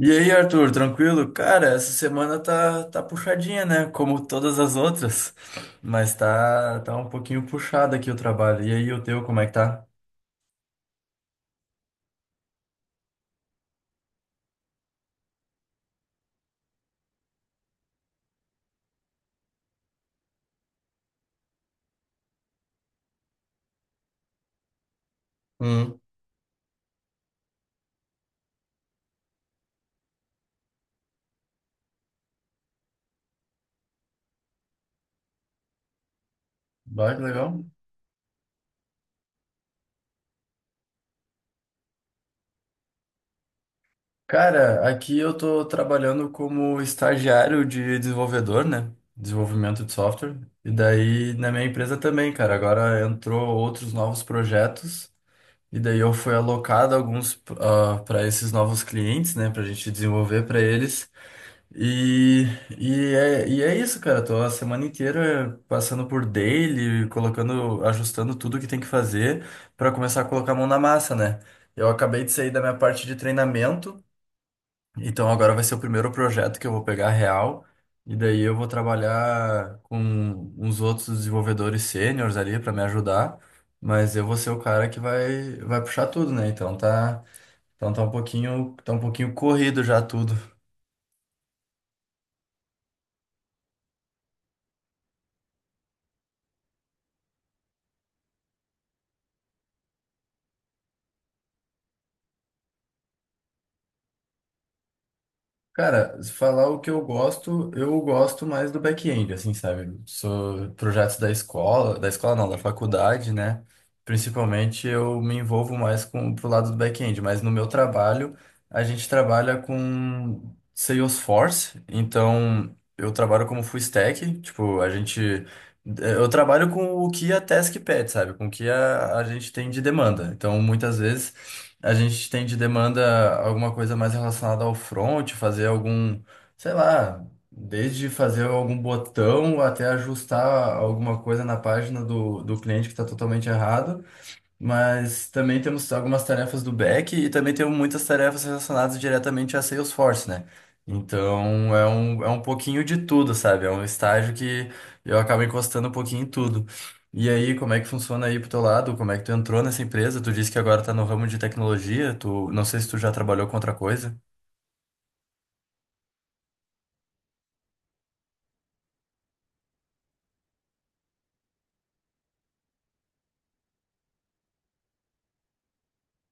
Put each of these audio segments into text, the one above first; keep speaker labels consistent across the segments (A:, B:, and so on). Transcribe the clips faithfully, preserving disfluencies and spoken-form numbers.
A: E aí, Arthur, tranquilo? Cara, essa semana tá, tá puxadinha, né? Como todas as outras. Mas tá, tá um pouquinho puxado aqui o trabalho. E aí, o teu, como é que tá? Hum. Bah, que legal. Cara, aqui eu tô trabalhando como estagiário de desenvolvedor, né? Desenvolvimento de software. E daí, na minha empresa também, cara. Agora entrou outros novos projetos. E daí eu fui alocado alguns para esses novos clientes, né? Pra gente desenvolver para eles. E, e, é, e é isso, cara. Tô a semana inteira passando por daily, colocando, ajustando tudo que tem que fazer pra começar a colocar a mão na massa, né? Eu acabei de sair da minha parte de treinamento, então agora vai ser o primeiro projeto que eu vou pegar real. E daí eu vou trabalhar com uns outros desenvolvedores sêniores ali pra me ajudar, mas eu vou ser o cara que vai, vai puxar tudo, né? Então tá, então tá um pouquinho, tá um pouquinho corrido já tudo. Cara, se falar o que eu gosto, eu gosto mais do back-end, assim, sabe? Sou projetos da escola, da escola não, da faculdade, né? Principalmente eu me envolvo mais com pro lado do back-end, mas no meu trabalho a gente trabalha com Salesforce, então eu trabalho como full stack, tipo, a gente eu trabalho com o que a task pede, sabe? Com o que a, a gente tem de demanda. Então, muitas vezes a gente tem de demanda alguma coisa mais relacionada ao front, fazer algum, sei lá, desde fazer algum botão até ajustar alguma coisa na página do, do cliente que está totalmente errado. Mas também temos algumas tarefas do back e também temos muitas tarefas relacionadas diretamente a Salesforce, né? Então é um, é um pouquinho de tudo, sabe? É um estágio que eu acabo encostando um pouquinho em tudo. E aí, como é que funciona aí pro teu lado? Como é que tu entrou nessa empresa? Tu disse que agora tá no ramo de tecnologia, tu não sei se tu já trabalhou com outra coisa.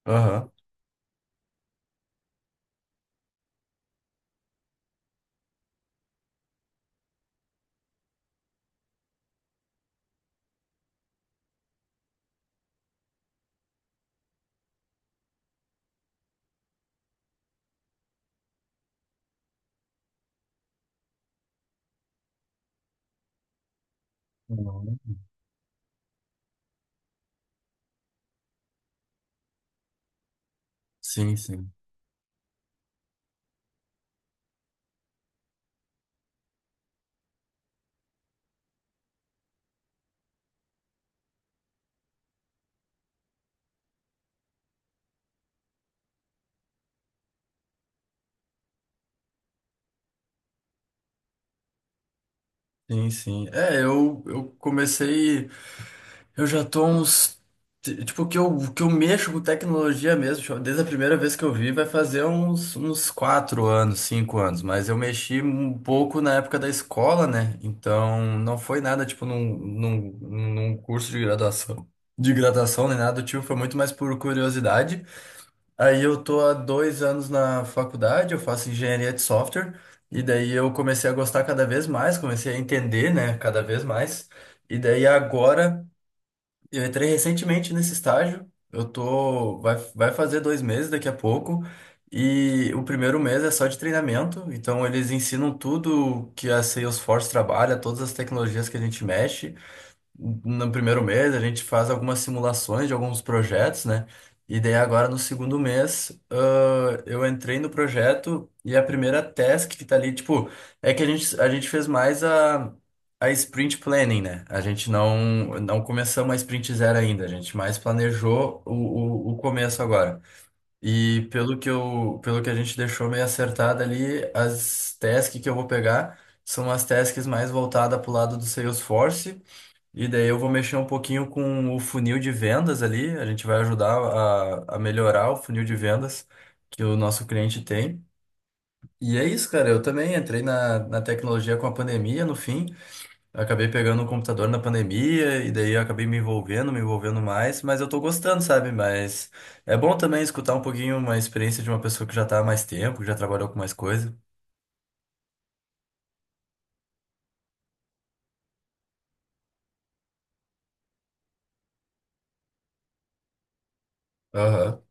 A: Aham. Uhum. Sim, sim. Sim, sim. É, eu, eu comecei. Eu já tô uns. t- Tipo, que eu, que eu mexo com tecnologia mesmo, tipo, desde a primeira vez que eu vi, vai fazer uns, uns quatro anos, cinco anos, mas eu mexi um pouco na época da escola, né? Então, não foi nada, tipo, num, num, num curso de graduação. De graduação nem nada do tipo, foi muito mais por curiosidade. Aí eu tô há dois anos na faculdade, eu faço engenharia de software, e daí eu comecei a gostar cada vez mais, comecei a entender, né, cada vez mais. E daí agora. Eu entrei recentemente nesse estágio. Eu tô, vai, vai fazer dois meses daqui a pouco. E o primeiro mês é só de treinamento. Então eles ensinam tudo que a Salesforce trabalha, todas as tecnologias que a gente mexe no primeiro mês a gente faz algumas simulações de alguns projetos, né? E daí agora no segundo mês, ah, eu entrei no projeto e a primeira task que tá ali, tipo, é que a gente, a gente fez mais a, a sprint planning, né? A gente não, não começamos a sprint zero ainda, a gente mais planejou o, o, o começo agora. E pelo que eu, pelo que a gente deixou meio acertado ali, as tasks que eu vou pegar são as tasks mais voltadas pro lado do Salesforce e daí eu vou mexer um pouquinho com o funil de vendas ali. A gente vai ajudar a, a melhorar o funil de vendas que o nosso cliente tem. E é isso, cara. Eu também entrei na, na tecnologia com a pandemia, no fim. Eu acabei pegando um computador na pandemia e daí eu acabei me envolvendo, me envolvendo mais. Mas eu tô gostando, sabe? Mas é bom também escutar um pouquinho uma experiência de uma pessoa que já tá há mais tempo, que já trabalhou com mais coisa. Aham.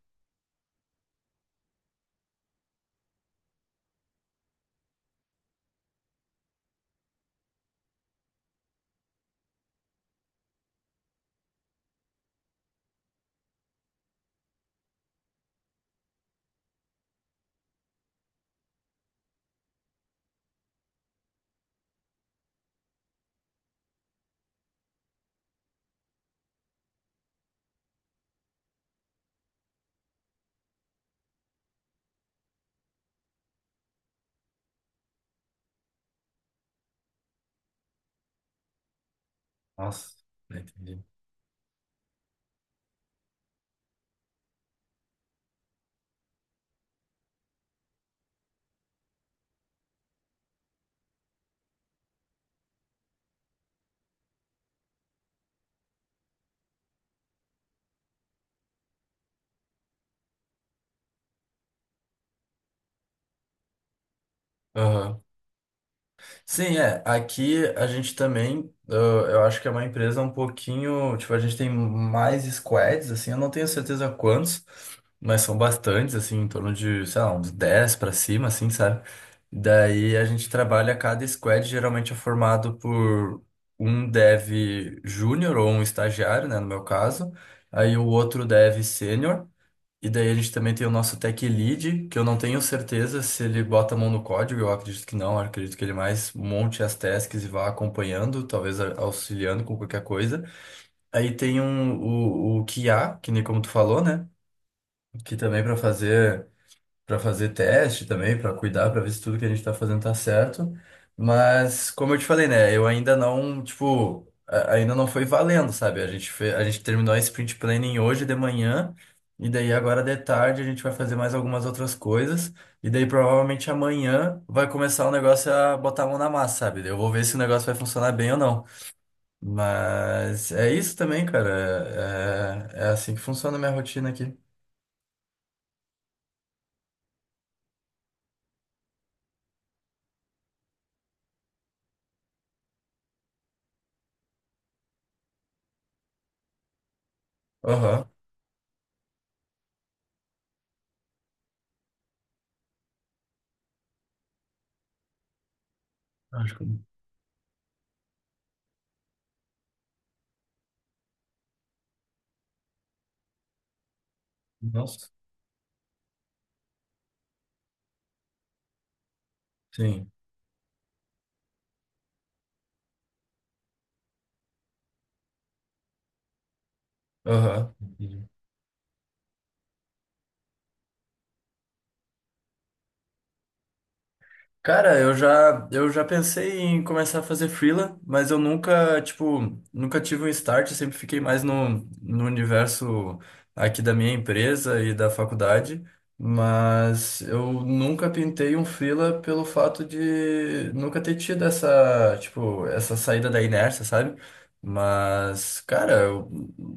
A: Nossa, entendi. Aham. Sim, é. Aqui a gente também, eu, eu acho que é uma empresa um pouquinho, tipo, a gente tem mais squads, assim, eu não tenho certeza quantos, mas são bastantes, assim, em torno de, sei lá, uns dez pra cima, assim, sabe? Daí a gente trabalha, cada squad geralmente é formado por um dev júnior ou um estagiário, né, no meu caso, aí o outro dev sênior. E daí a gente também tem o nosso tech lead, que eu não tenho certeza se ele bota a mão no código, eu acredito que não, eu acredito que ele mais monte as tasks e vá acompanhando, talvez a- auxiliando com qualquer coisa. Aí tem um, o, o Q A, que nem como tu falou, né? Que também para fazer para fazer teste também, para cuidar, para ver se tudo que a gente tá fazendo tá certo. Mas, como eu te falei, né, eu ainda não, tipo, a- ainda não foi valendo, sabe? A gente fe- a gente terminou a sprint planning hoje de manhã, e daí agora de tarde a gente vai fazer mais algumas outras coisas, e daí provavelmente amanhã vai começar o negócio a botar a mão na massa, sabe? Eu vou ver se o negócio vai funcionar bem ou não. Mas é isso também, cara. É, é é assim que funciona a minha rotina aqui. Aham. Acho que. Nossa. Sim. Aham. Entendi. Cara, eu já, eu já pensei em começar a fazer freela, mas eu nunca, tipo, nunca tive um start, eu sempre fiquei mais no, no universo aqui da minha empresa e da faculdade, mas eu nunca pintei um freela pelo fato de nunca ter tido essa, tipo, essa saída da inércia, sabe? Mas, cara, eu,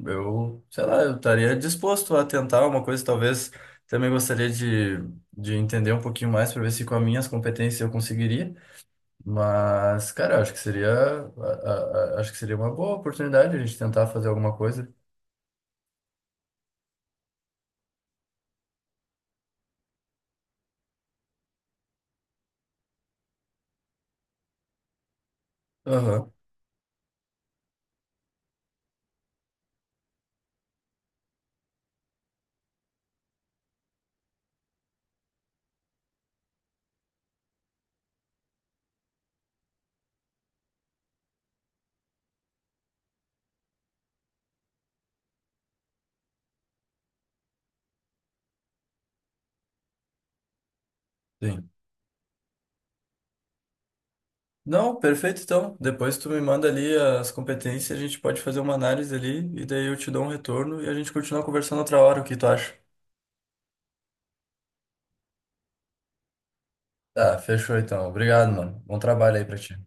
A: eu sei lá, eu estaria disposto a tentar uma coisa, talvez também gostaria de de entender um pouquinho mais para ver se com as minhas competências eu conseguiria. Mas, cara, eu acho que seria, a- a- a- acho que seria uma boa oportunidade a gente tentar fazer alguma coisa. Aham, sim. Não, perfeito, então. Depois tu me manda ali as competências, a gente pode fazer uma análise ali e daí eu te dou um retorno e a gente continua conversando outra hora, o que tu acha? Tá, fechou então. Obrigado, mano. Bom trabalho aí pra ti.